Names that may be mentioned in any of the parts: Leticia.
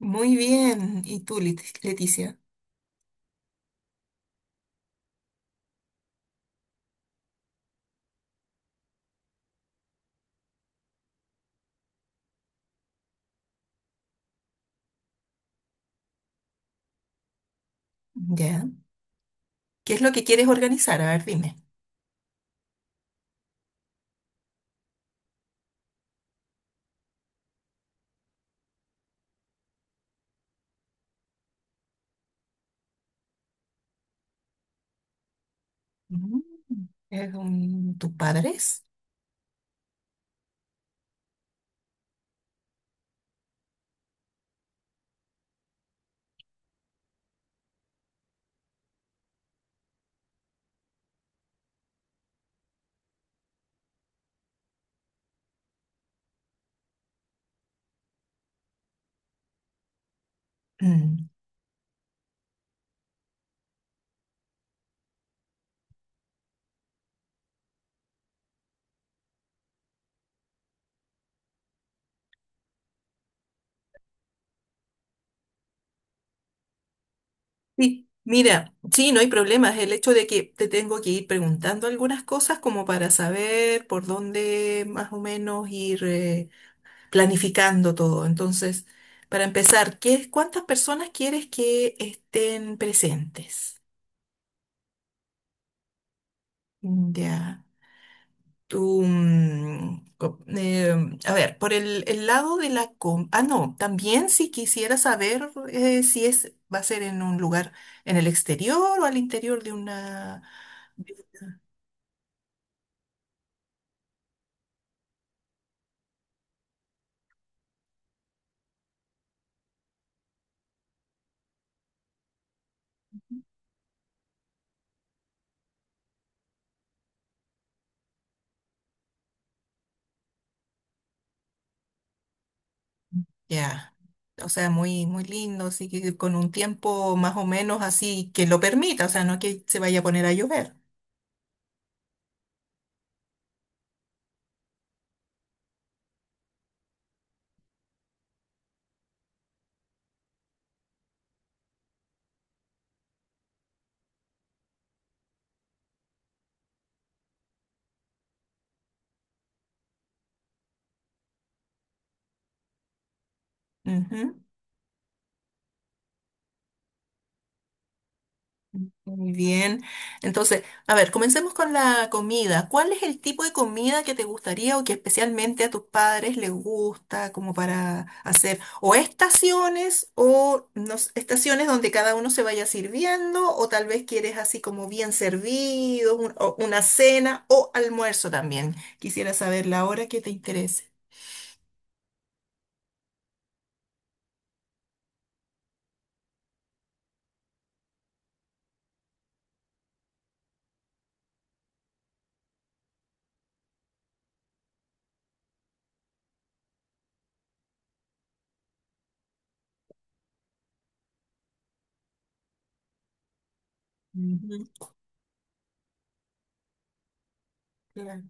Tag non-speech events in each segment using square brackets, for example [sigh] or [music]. Muy bien. ¿Y tú, Leticia? Ya. ¿Qué es lo que quieres organizar? A ver, dime. Mm, ¿Es tus padres? Mm. Sí, mira, sí, no hay problemas. El hecho de que te tengo que ir preguntando algunas cosas como para saber por dónde más o menos ir planificando todo. Entonces, para empezar, ¿ cuántas personas quieres que estén presentes? Ya, tú, a ver, por el lado de la Ah, no, también si quisiera saber si es, va a ser en un lugar en el exterior o al interior de una. Ya, o sea, muy, muy lindo, así que con un tiempo más o menos así que lo permita, o sea, no que se vaya a poner a llover. Ujú. Muy bien. Entonces, a ver, comencemos con la comida. ¿Cuál es el tipo de comida que te gustaría o que especialmente a tus padres les gusta como para hacer o estaciones o no s- estaciones donde cada uno se vaya sirviendo o tal vez quieres así como bien servido, o una cena o almuerzo también? Quisiera saber la hora que te interese. Ujú, claro,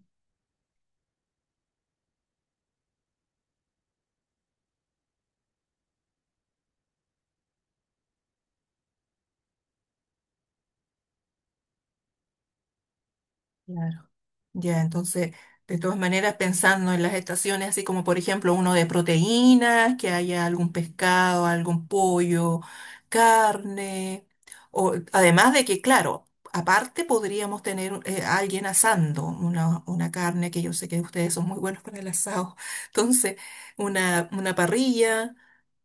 claro. Ya, entonces, de todas maneras, pensando en las estaciones, así como por ejemplo uno de proteínas, que haya algún pescado, algún pollo, carne, o además de que, claro, aparte podríamos tener a alguien asando una carne, que yo sé que ustedes son muy buenos para el asado, [laughs] entonces, una parrilla,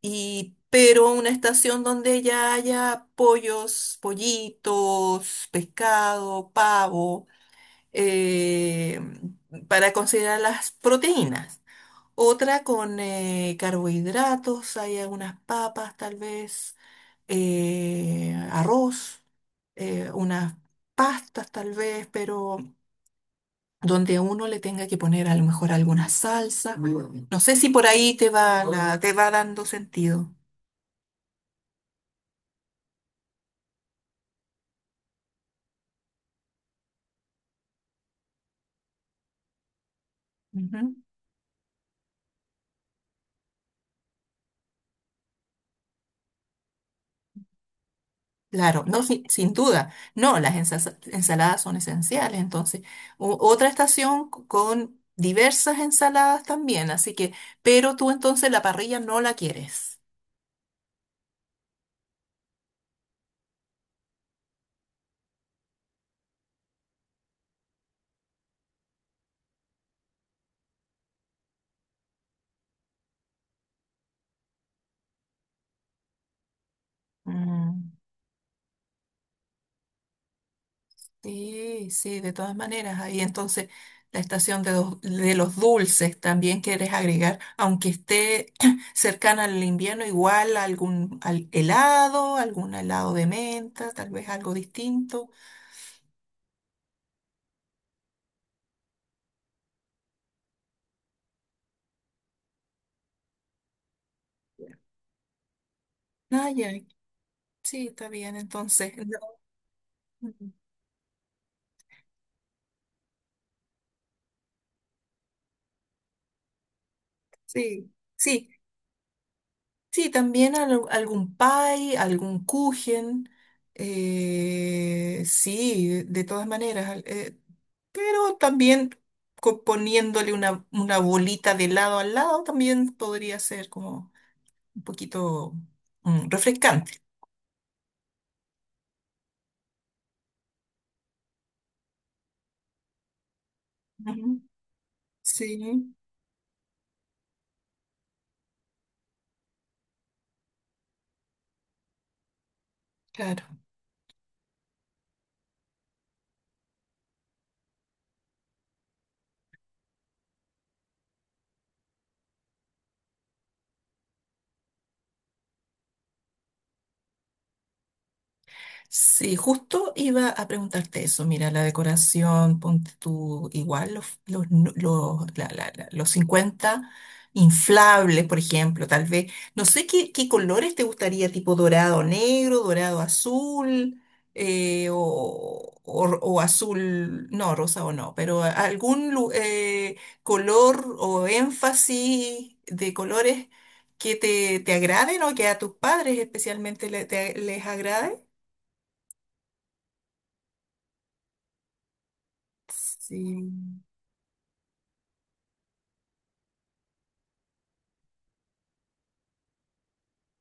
y pero una estación donde ya haya pollos, pollitos, pescado, pavo eh, para considerar las proteínas. Otra con carbohidratos, hay algunas papas tal vez, arroz, unas pastas tal vez, pero donde uno le tenga que poner a lo mejor alguna salsa. Muy bien. No sé si por ahí te va, te va dando sentido. Ujú. Claro, no, sin duda. No, las ensaladas son esenciales. Entonces, otra estación con diversas ensaladas también. Así que, pero tú entonces la parrilla no la quieres. Mm, sí, sí, de todas maneras. Ahí entonces la estación de, de los dulces también quieres agregar, aunque esté [clears throat] cercana al invierno, igual algún helado, algún helado de menta, tal vez algo distinto. Ay, ay, sí, está bien. Entonces, no. Sí, sí, sí, también algún pie, algún kuchen, sí, de todas maneras, pero también poniéndole una bolita de lado al lado también podría ser como un poquito refrescante. Ujú. Sí, claro. Sí, justo iba a preguntarte eso. Mira, la decoración, ponte tú igual, los, nu- los, la- la- la- los 50 inflables, por ejemplo, tal vez. No sé qué colores te gustaría, tipo dorado negro, dorado azul, o azul, no, rosa o no, pero algún color o énfasis de colores que te agraden o que a tus padres especialmente les agrade. Sí,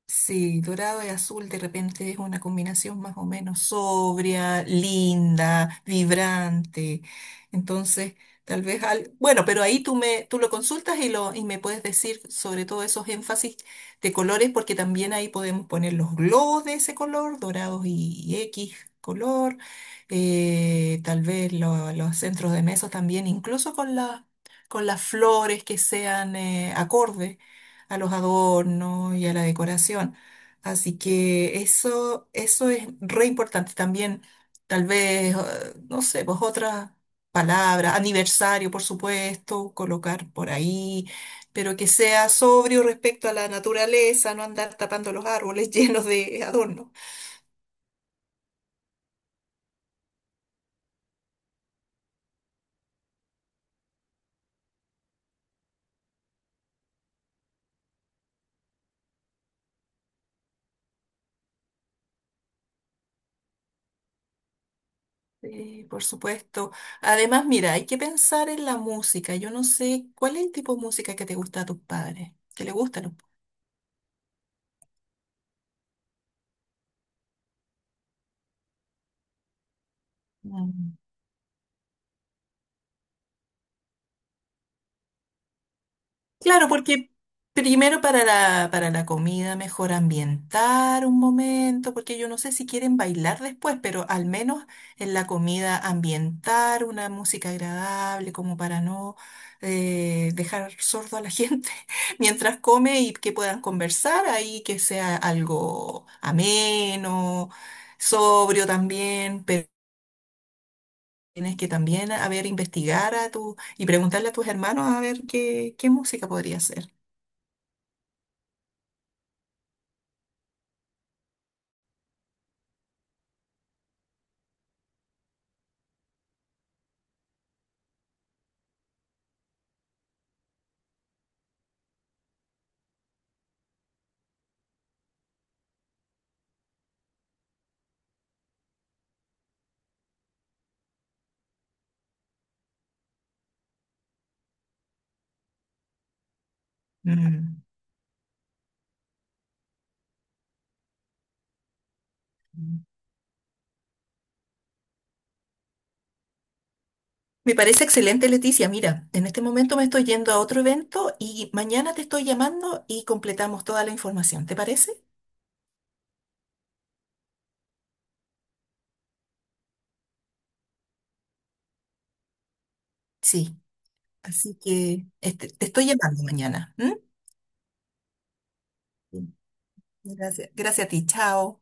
sí, dorado y azul de repente es una combinación más o menos sobria, linda, vibrante. Entonces, tal vez al... Bueno, pero ahí tú me, tú lo consultas y lo, y me puedes decir sobre todo esos énfasis de colores, porque también ahí podemos poner los globos de ese color, dorados y X color, tal vez los centros de mesa también, incluso con con las flores que sean acordes a los adornos y a la decoración. Así que eso es re importante también. Tal vez, no sé, pues otras palabras, aniversario, por supuesto, colocar por ahí, pero que sea sobrio respecto a la naturaleza, no andar tapando los árboles [laughs] llenos de adornos. Sí, por supuesto. Además, mira, hay que pensar en la música. Yo no sé cuál es el tipo de música que te gusta a tus padres, que le gusta a los. Claro, porque primero para la, comida mejor ambientar un momento, porque yo no sé si quieren bailar después, pero al menos en la comida ambientar una música agradable como para no dejar sordo a la gente [laughs] mientras come y que puedan conversar ahí, que sea algo ameno, sobrio también, pero tienes que también, a ver, investigar y preguntarle a tus hermanos a ver qué, música podría ser. Me parece excelente, Leticia. Mira, en este momento me estoy yendo a otro evento y mañana te estoy llamando y completamos toda la información. ¿Te parece? Sí. Así que este, te estoy llamando mañana. ¿M? Sí. Gracias. Gracias a ti. Chao.